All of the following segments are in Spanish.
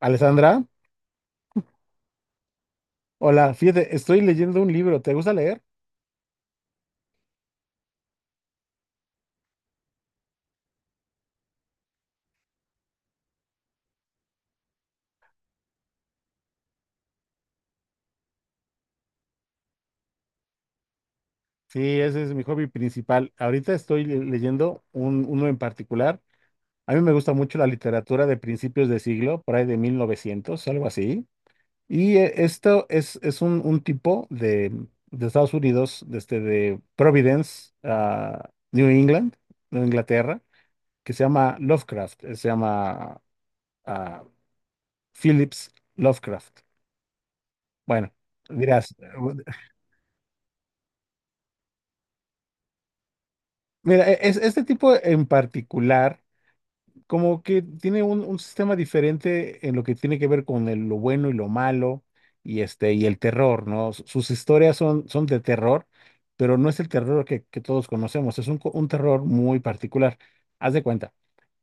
Alessandra, hola, fíjate, estoy leyendo un libro, ¿te gusta leer? Sí, ese es mi hobby principal. Ahorita estoy leyendo uno en particular. A mí me gusta mucho la literatura de principios de siglo, por ahí de 1900, algo así. Y esto es un tipo de Estados Unidos, desde de Providence, New England, Nueva Inglaterra, que se llama Lovecraft, se llama ah, Phillips Lovecraft. Bueno, dirás. Mira, este tipo en particular, como que tiene un sistema diferente en lo que tiene que ver con lo bueno y lo malo y, y el terror, ¿no? Sus historias son de terror, pero no es el terror que todos conocemos, es un terror muy particular. Haz de cuenta.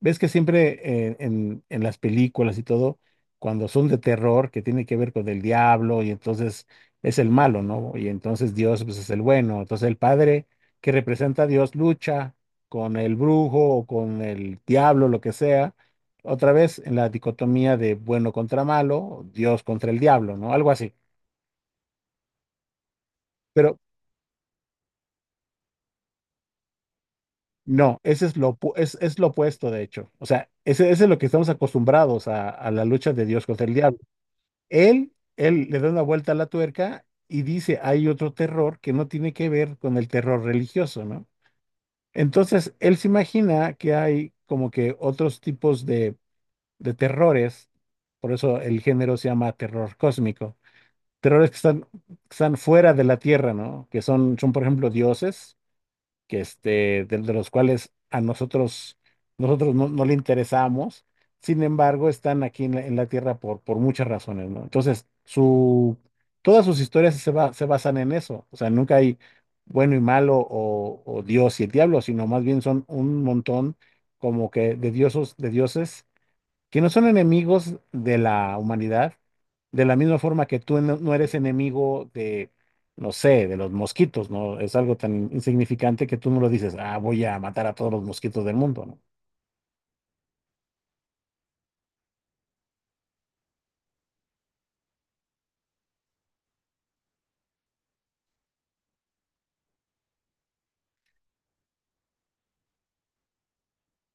Ves que siempre en las películas y todo, cuando son de terror, que tiene que ver con el diablo, y entonces es el malo, ¿no? Y entonces Dios, pues, es el bueno. Entonces el padre que representa a Dios lucha con el brujo o con el diablo, lo que sea. Otra vez en la dicotomía de bueno contra malo, Dios contra el diablo, ¿no? Algo así. Pero no, ese es lo opuesto, de hecho. O sea, ese es lo que estamos acostumbrados a la lucha de Dios contra el diablo. Él le da una vuelta a la tuerca y dice, hay otro terror que no tiene que ver con el terror religioso, ¿no? Entonces, él se imagina que hay como que otros tipos de terrores, por eso el género se llama terror cósmico, terrores que están, fuera de la Tierra, ¿no? Que son, por ejemplo, dioses que de los cuales a nosotros no le interesamos, sin embargo, están aquí en la Tierra por muchas razones, ¿no? Entonces, todas sus historias se basan en eso, o sea, nunca hay bueno y malo o Dios y el diablo, sino más bien son un montón como que de dioses que no son enemigos de la humanidad, de la misma forma que tú no eres enemigo de, no sé, de los mosquitos, ¿no? Es algo tan insignificante que tú no lo dices, ah, voy a matar a todos los mosquitos del mundo, ¿no?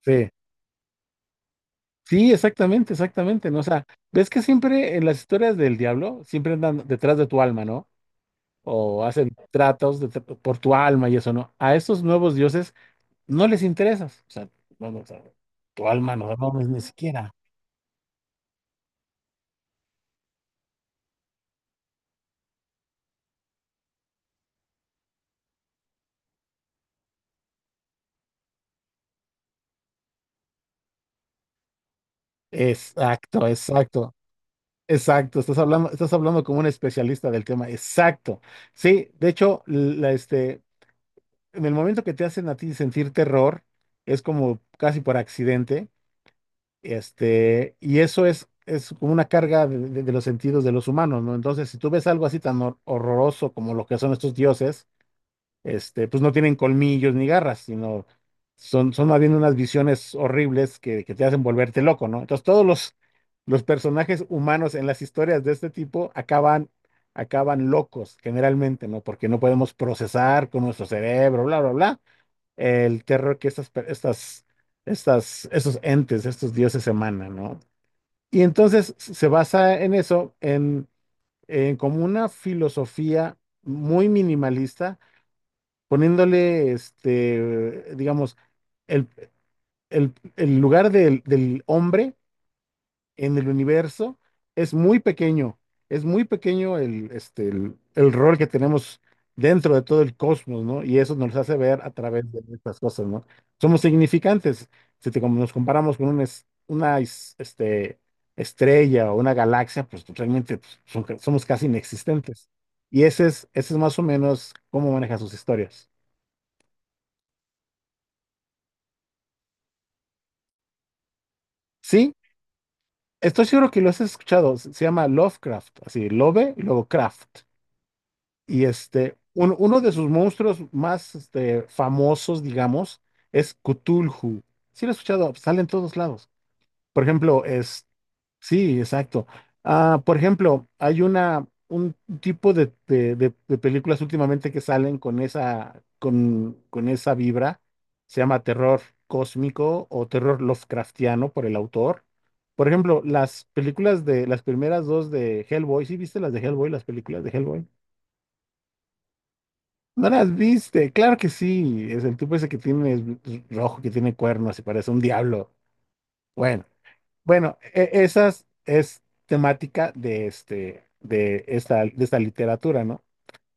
Sí. Sí, exactamente, exactamente, ¿no? O sea, ves que siempre en las historias del diablo, siempre andan detrás de tu alma, ¿no? O hacen tratos por tu alma y eso, ¿no? A estos nuevos dioses no les interesas, o sea, no, no, o sea, tu alma no, ni siquiera. Exacto, exacto. Exacto, estás hablando como un especialista del tema. Exacto. Sí, de hecho, en el momento que te hacen a ti sentir terror, es como casi por accidente, y eso es, como una carga de los sentidos de los humanos, ¿no? Entonces, si tú ves algo así tan horroroso como lo que son estos dioses, pues no tienen colmillos ni garras, sino son más bien unas visiones horribles que te hacen volverte loco, ¿no? Entonces todos los personajes humanos en las historias de este tipo acaban, locos generalmente, ¿no? Porque no podemos procesar con nuestro cerebro, bla, bla, bla, el terror que estas, per- estas, estas, estos entes, estos dioses emanan, ¿no? Y entonces se basa en eso, en como una filosofía muy minimalista poniéndole, digamos, el, el lugar del hombre en el universo es muy pequeño, es muy pequeño el rol que tenemos dentro de todo el cosmos, ¿no? Y eso nos hace ver a través de estas cosas, ¿no? Somos significantes, si te- como nos comparamos con una estrella o una galaxia, pues realmente pues, somos casi inexistentes. Y ese es más o menos cómo maneja sus historias. Sí, estoy seguro que lo has escuchado. Se llama Lovecraft, así, Love y luego Craft. Y uno de sus monstruos más famosos, digamos, es Cthulhu. Sí lo he escuchado, sale en todos lados. Por ejemplo. Sí, exacto. Ah, por ejemplo, hay un tipo de películas últimamente que salen con esa vibra. Se llama terror cósmico o terror Lovecraftiano por el autor. Por ejemplo, las películas de las primeras dos de Hellboy. ¿Sí viste las de Hellboy, las películas de Hellboy? ¿No las viste? Claro que sí. Es el tipo ese que tiene es rojo, que tiene cuernos y parece un diablo. Bueno. Bueno, esas es temática de esta literatura, ¿no?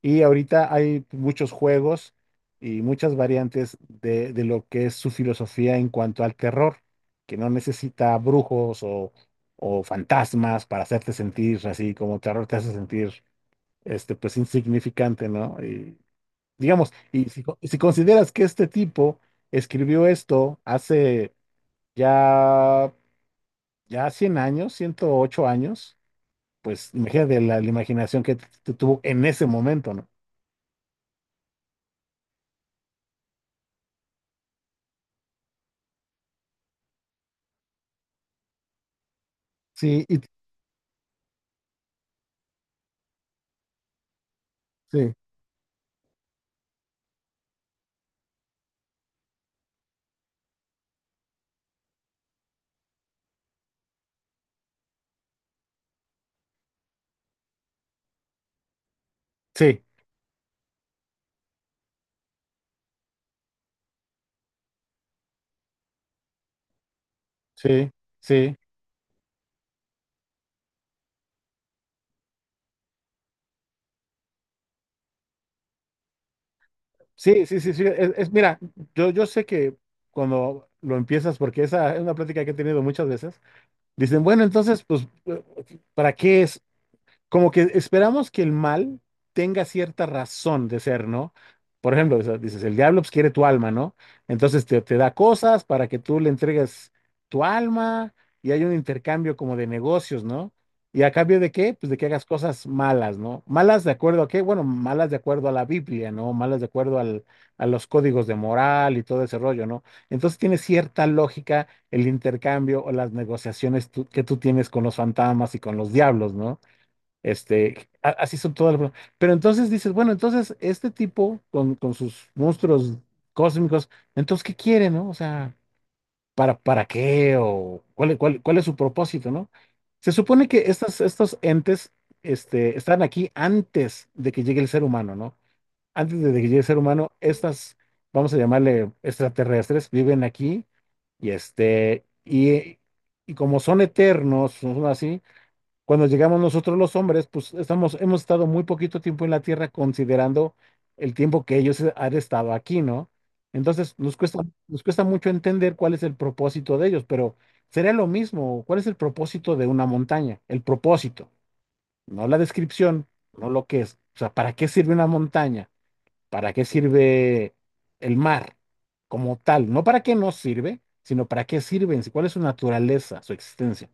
Y ahorita hay muchos juegos y muchas variantes de lo que es su filosofía en cuanto al terror, que no necesita brujos o fantasmas para hacerte sentir así como terror te hace sentir, pues insignificante, ¿no? Y digamos, y si consideras que este tipo escribió esto hace ya ya 100 años, 108 años, pues imagínate la imaginación que tuvo en ese momento, ¿no? Sí, sí, sí, sí, sí, sí, sí, sí, sí. Mira, yo sé que cuando lo empiezas, porque esa es una plática que he tenido muchas veces, dicen, bueno, entonces, pues, ¿para qué es? Como que esperamos que el mal tenga cierta razón de ser, ¿no? Por ejemplo, o sea, dices, el diablo pues, quiere tu alma, ¿no? Entonces te da cosas para que tú le entregues tu alma y hay un intercambio como de negocios, ¿no? ¿Y a cambio de qué? Pues de que hagas cosas malas, ¿no? ¿Malas de acuerdo a qué? Bueno, malas de acuerdo a la Biblia, ¿no? Malas de acuerdo a los códigos de moral y todo ese rollo, ¿no? Entonces tiene cierta lógica el intercambio o las negociaciones que tú tienes con los fantasmas y con los diablos, ¿no? Así son todas las... Pero entonces dices, bueno, entonces este tipo con sus monstruos cósmicos, entonces, ¿qué quiere, no? O sea, ¿para qué? ¿O cuál es su propósito, no? Se supone que estos entes, están aquí antes de que llegue el ser humano, ¿no? Antes de que llegue el ser humano, vamos a llamarle extraterrestres, viven aquí y y como son eternos, son así, cuando llegamos nosotros los hombres, pues hemos estado muy poquito tiempo en la Tierra considerando el tiempo que ellos han estado aquí, ¿no? Entonces nos cuesta mucho entender cuál es el propósito de ellos, pero sería lo mismo, ¿cuál es el propósito de una montaña? El propósito, no la descripción, no lo que es. O sea, ¿para qué sirve una montaña? ¿Para qué sirve el mar como tal? No para qué nos sirve, sino para qué sirven, cuál es su naturaleza, su existencia.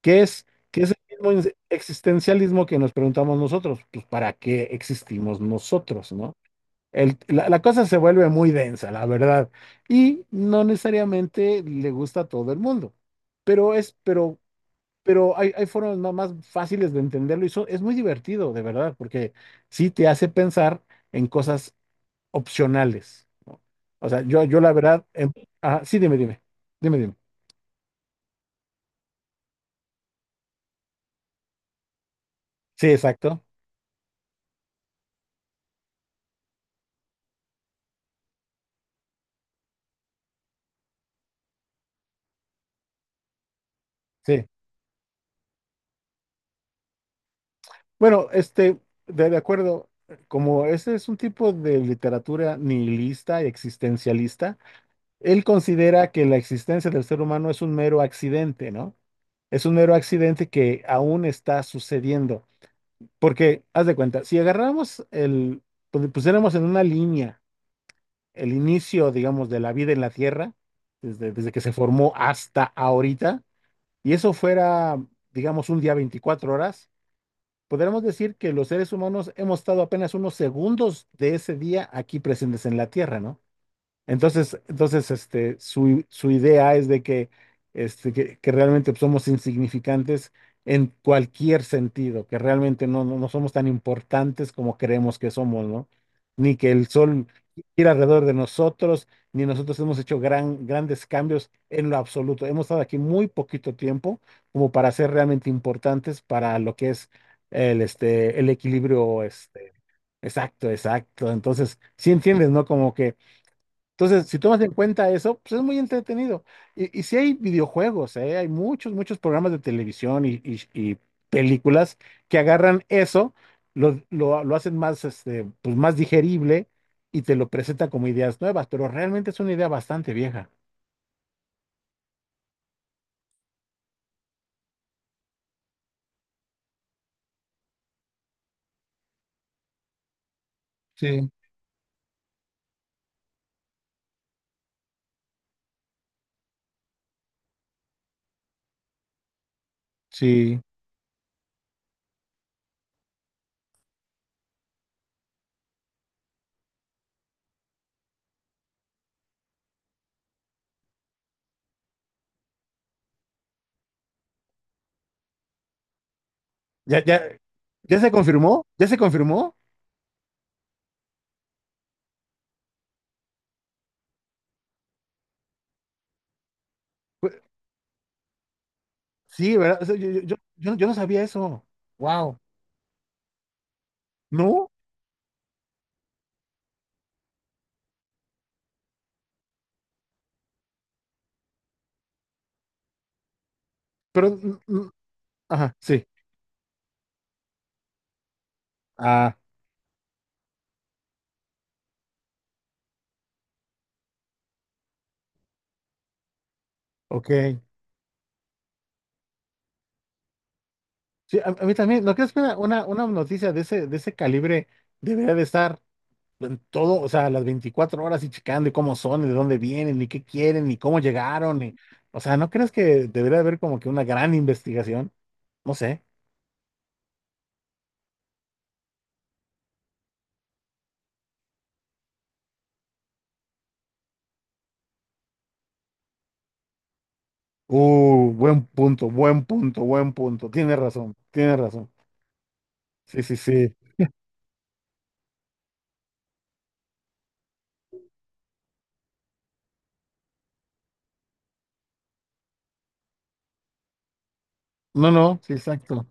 ¿Qué es, qué es el mismo existencialismo que nos preguntamos nosotros? Pues, ¿para qué existimos nosotros, no? La cosa se vuelve muy densa, la verdad, y no necesariamente le gusta a todo el mundo, pero es, pero, pero hay formas más fáciles de entenderlo y eso es muy divertido, de verdad, porque sí te hace pensar en cosas opcionales, ¿no? O sea, yo la verdad, ajá, sí, dime, dime, dime, dime. Sí, exacto. Sí. Bueno, de acuerdo, como ese es un tipo de literatura nihilista y existencialista, él considera que la existencia del ser humano es un mero accidente, ¿no? Es un mero accidente que aún está sucediendo. Porque, haz de cuenta, si agarramos pusiéramos en una línea el inicio, digamos, de la vida en la Tierra, desde que se formó hasta ahorita, y eso fuera, digamos, un día 24 horas. Podríamos decir que los seres humanos hemos estado apenas unos segundos de ese día aquí presentes en la Tierra, ¿no? Entonces su idea es de que realmente pues, somos insignificantes en cualquier sentido, que realmente no somos tan importantes como creemos que somos, ¿no? Ni que el sol gira alrededor de nosotros, ni nosotros hemos hecho grandes cambios en lo absoluto. Hemos estado aquí muy poquito tiempo como para ser realmente importantes para lo que es el equilibrio, exacto, exacto. Entonces, sí entiendes, ¿no? Como que entonces, si tomas en cuenta eso, pues es muy entretenido. Y sí hay videojuegos, ¿eh? Hay muchos programas de televisión y películas que agarran eso, lo hacen más, pues más digerible y te lo presentan como ideas nuevas, pero realmente es una idea bastante vieja. Sí, sí. ¿Ya, ya, ya se confirmó? ¿Ya se confirmó? Pues, sí, ¿verdad? O sea, yo no sabía eso. Wow. ¿No? Pero, mm, mm, ajá, sí. Ah, ok. Sí, a mí también, ¿no crees que una noticia de ese calibre debería de estar en todo, o sea, las 24 horas y checando y cómo son, y de dónde vienen, y qué quieren, y cómo llegaron, o sea, ¿no crees que debería haber como que una gran investigación? No sé. Buen punto, buen punto, buen punto. Tienes razón, tienes razón. Sí, sí, sí. No, no, sí, exacto.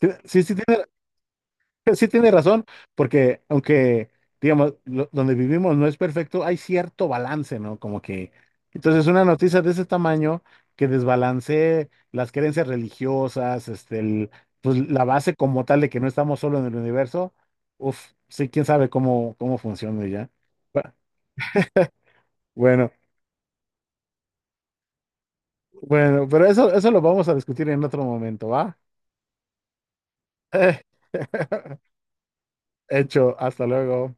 Sí, sí, sí. Sí tiene razón, porque aunque, digamos, donde vivimos no es perfecto, hay cierto balance, ¿no? Como que, entonces una noticia de ese tamaño que desbalancee las creencias religiosas, pues la base como tal de que no estamos solo en el universo, uf, sí, quién sabe cómo funciona ya. Bu- Bueno, bueno, pero eso lo vamos a discutir en otro momento, ¿va? Hecho, hasta luego.